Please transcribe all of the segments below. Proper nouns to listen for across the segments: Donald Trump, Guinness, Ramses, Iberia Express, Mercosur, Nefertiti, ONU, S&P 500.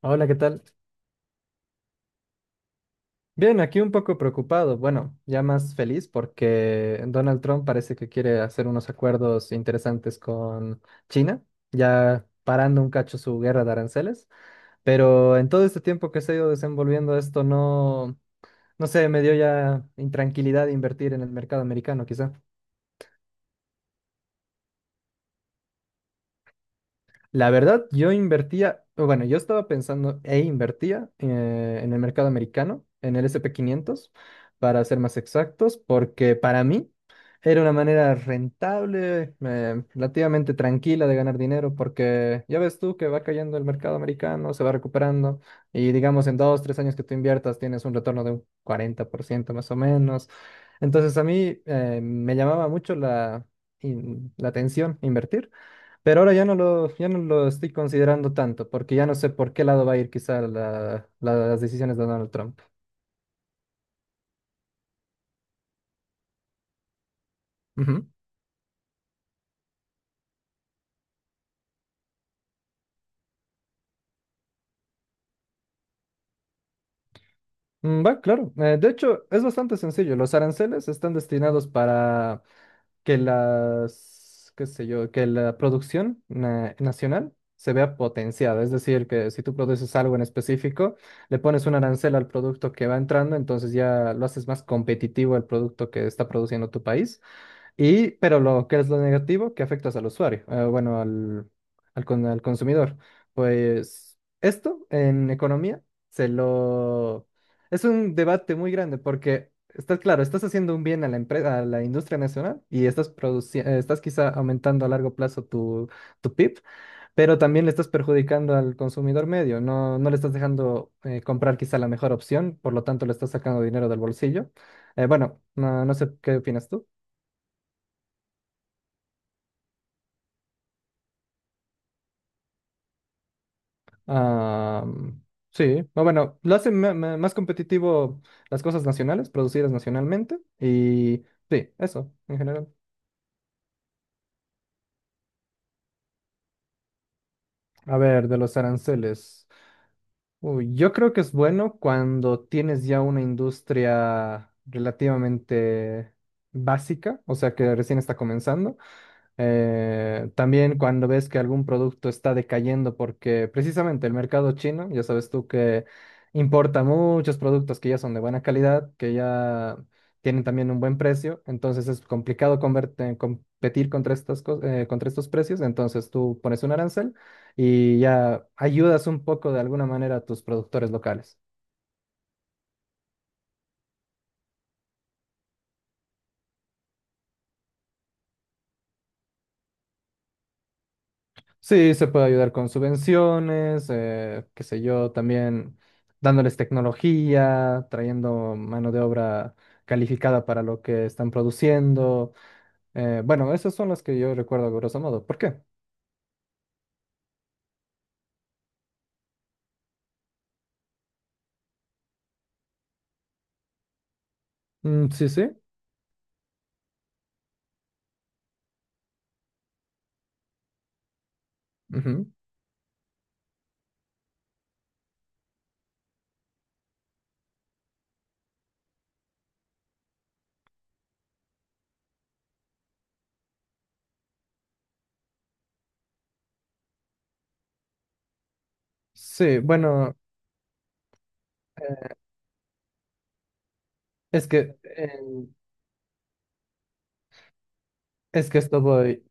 Hola, ¿qué tal? Bien, aquí un poco preocupado, bueno, ya más feliz porque Donald Trump parece que quiere hacer unos acuerdos interesantes con China, ya parando un cacho su guerra de aranceles, pero en todo este tiempo que se ha ido desenvolviendo esto no, no sé, me dio ya intranquilidad invertir en el mercado americano, quizá. La verdad, yo invertía, o bueno, yo estaba pensando e invertía en el mercado americano, en el S&P 500, para ser más exactos, porque para mí era una manera rentable, relativamente tranquila de ganar dinero, porque ya ves tú que va cayendo el mercado americano, se va recuperando, y digamos en dos, tres años que tú inviertas tienes un retorno de un 40% más o menos. Entonces a mí me llamaba mucho la, la atención invertir. Pero ahora ya no lo estoy considerando tanto, porque ya no sé por qué lado va a ir quizá las decisiones de Donald Trump. Ujú. Va, claro. De hecho, es bastante sencillo. Los aranceles están destinados para que las, qué sé yo, que la producción nacional se vea potenciada. Es decir, que si tú produces algo en específico, le pones un arancel al producto que va entrando, entonces ya lo haces más competitivo al producto que está produciendo tu país. Y, pero lo que es lo negativo, que afectas al usuario, bueno, al, al consumidor. Pues esto en economía se lo... Es un debate muy grande porque, está claro, estás haciendo un bien a la empresa, a la industria nacional y estás produciendo, estás quizá aumentando a largo plazo tu, tu PIB, pero también le estás perjudicando al consumidor medio. No, no le estás dejando comprar quizá la mejor opción, por lo tanto le estás sacando dinero del bolsillo. Bueno, no, no sé qué opinas tú. Ah, sí, o bueno, lo hace más competitivo las cosas nacionales, producidas nacionalmente, y sí, eso, en general. A ver, de los aranceles. Uy, yo creo que es bueno cuando tienes ya una industria relativamente básica, o sea que recién está comenzando. También cuando ves que algún producto está decayendo, porque precisamente el mercado chino, ya sabes tú que importa muchos productos que ya son de buena calidad, que ya tienen también un buen precio, entonces es complicado converte- competir contra contra estos precios, entonces tú pones un arancel y ya ayudas un poco de alguna manera a tus productores locales. Sí, se puede ayudar con subvenciones, qué sé yo, también dándoles tecnología, trayendo mano de obra calificada para lo que están produciendo. Bueno, esas son las que yo recuerdo a grosso modo. ¿Por qué? Mm, sí, sí. Ujú. Sí, bueno, eh, es que, en- es que esto voy.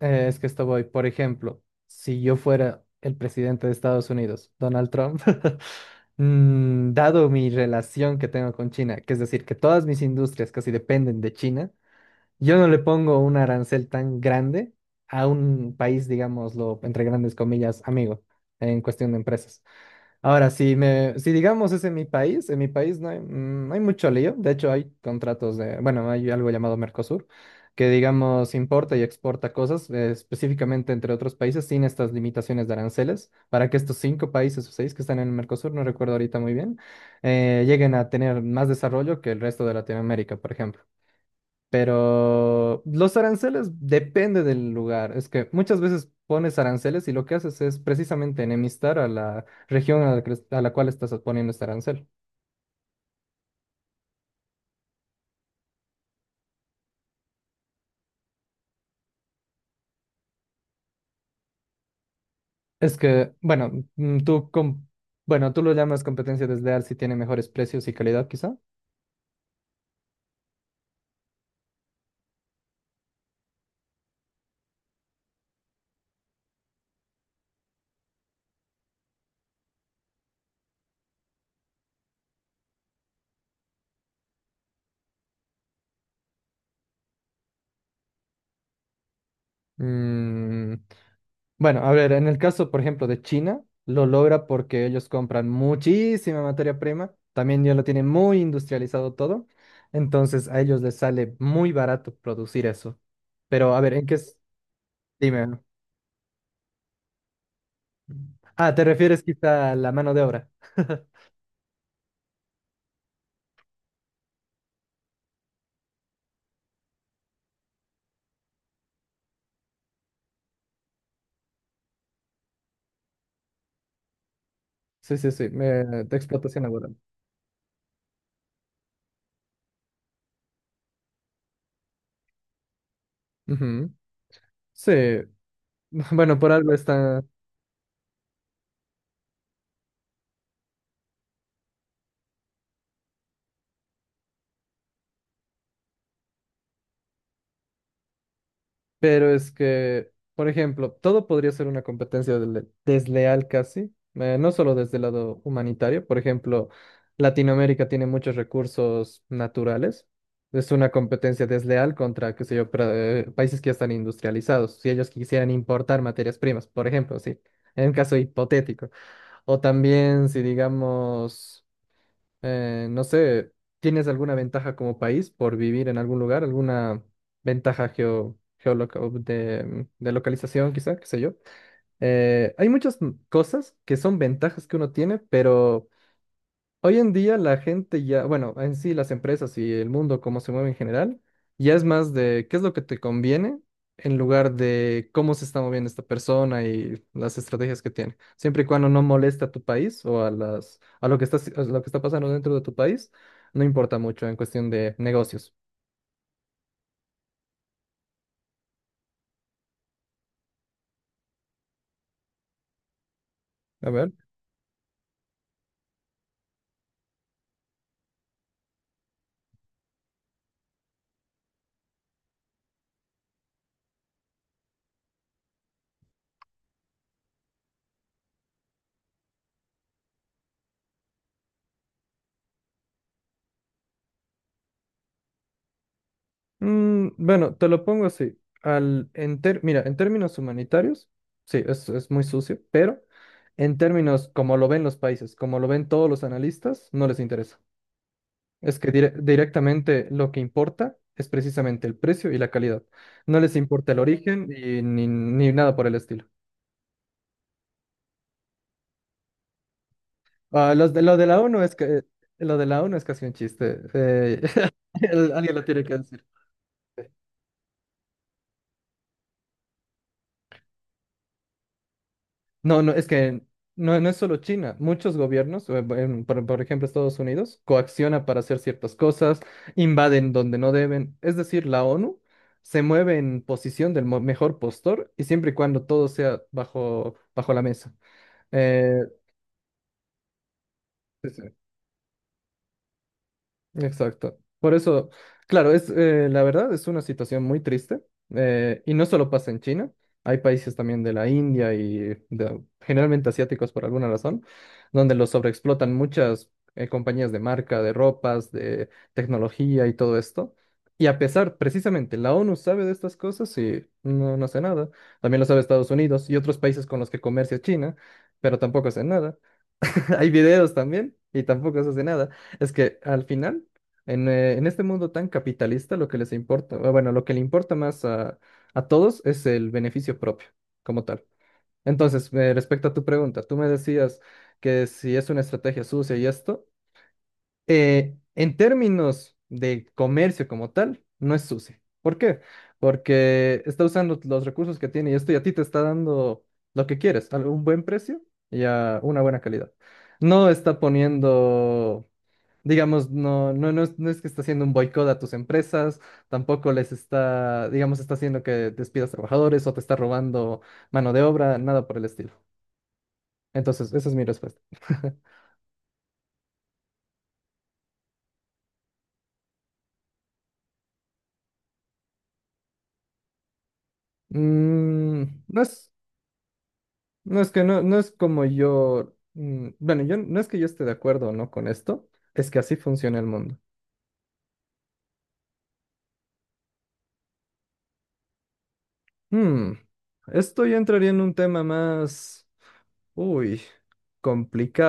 Es que esto voy, por ejemplo, si yo fuera el presidente de Estados Unidos, Donald Trump, dado mi relación que tengo con China, que es decir, que todas mis industrias casi dependen de China, yo no le pongo un arancel tan grande a un país, digámoslo, entre grandes comillas, amigo, en cuestión de empresas. Ahora, si me, si digamos es en mi país no hay, no hay mucho lío. De hecho, hay contratos de, bueno, hay algo llamado Mercosur, que digamos importa y exporta cosas, específicamente entre otros países, sin estas limitaciones de aranceles, para que estos 5 países o 6 que están en el Mercosur, no recuerdo ahorita muy bien, lleguen a tener más desarrollo que el resto de Latinoamérica, por ejemplo. Pero los aranceles depende del lugar. Es que muchas veces pones aranceles y lo que haces es precisamente enemistar a la región a la, que a la cual estás poniendo este arancel. Es que, bueno, bueno, tú lo llamas competencia desleal si tiene mejores precios y calidad, quizá. Mm, Bueno, a ver, en el caso, por ejemplo, de China, lo logra porque ellos compran muchísima materia prima, también ya lo tienen muy industrializado todo, entonces a ellos les sale muy barato producir eso. Pero a ver, ¿en qué es? Dime. Ah, ¿te refieres quizá a la mano de obra? Sí, sí, sí, de explotación laboral. Ujú. Sí, bueno, por algo está. Pero es que, por ejemplo, todo podría ser una competencia desleal casi, no solo desde el lado humanitario. Por ejemplo, Latinoamérica tiene muchos recursos naturales. Es una competencia desleal contra, qué sé yo, países que ya están industrializados. Si ellos quisieran importar materias primas, por ejemplo, sí, en un caso hipotético. O también si digamos... No sé, ¿tienes alguna ventaja como país por vivir en algún lugar? ¿Alguna ventaja de localización, quizá, qué sé yo? Hay muchas cosas que son ventajas que uno tiene, pero hoy en día la gente ya, bueno, en sí las empresas y el mundo como se mueve en general, ya es más de qué es lo que te conviene en lugar de cómo se está moviendo esta persona y las estrategias que tiene. Siempre y cuando no moleste a tu país o a las, a lo que está, a lo que está pasando dentro de tu país, no importa mucho en cuestión de negocios. A ver. Bueno, te lo pongo así. Mira, en términos humanitarios, sí, es muy sucio, pero en términos como lo ven los países, como lo ven todos los analistas, no les interesa. Es que directamente lo que importa es precisamente el precio y la calidad. No les importa el origen y ni, ni nada por el estilo. Ah, los de, lo de la ONU es que, lo de la ONU es casi un chiste. Alguien lo tiene que decir. No, no, es que no, no es solo China. Muchos gobiernos, por ejemplo Estados Unidos, coacciona para hacer ciertas cosas, invaden donde no deben. Es decir, la ONU se mueve en posición del mejor postor y siempre y cuando todo sea bajo, bajo la mesa. Eh, sí, sí. Exacto. Por eso, claro, es la verdad es una situación muy triste y no solo pasa en China, hay países también de la India generalmente asiáticos por alguna razón, donde los sobreexplotan muchas compañías de marca, de ropas, de tecnología y todo esto. Y a pesar, precisamente, la ONU sabe de estas cosas y no, no hace nada. También lo sabe Estados Unidos y otros países con los que comercia China, pero tampoco hace nada. Hay videos también y tampoco se hace nada. Es que al final, en este mundo tan capitalista, lo que les importa, o bueno, lo que le importa más a todos es el beneficio propio, como tal. Entonces, respecto a tu pregunta, tú me decías que si es una estrategia sucia y esto, en términos de comercio como tal, no es sucio. ¿Por qué? Porque está usando los recursos que tiene y esto y a ti te está dando lo que quieres, a un buen precio y a una buena calidad. No está poniendo, digamos, no, no, no es, no es que está haciendo un boicot a tus empresas, tampoco les está, digamos, está haciendo que despidas trabajadores o te está robando mano de obra, nada por el estilo. Entonces, esa es mi respuesta. Mm, no es. No es que no, no es como yo, bueno, yo no es que yo esté de acuerdo o no con esto, es que así funciona el mundo. Hmm, esto ya entraría en un tema más, uy, complicado.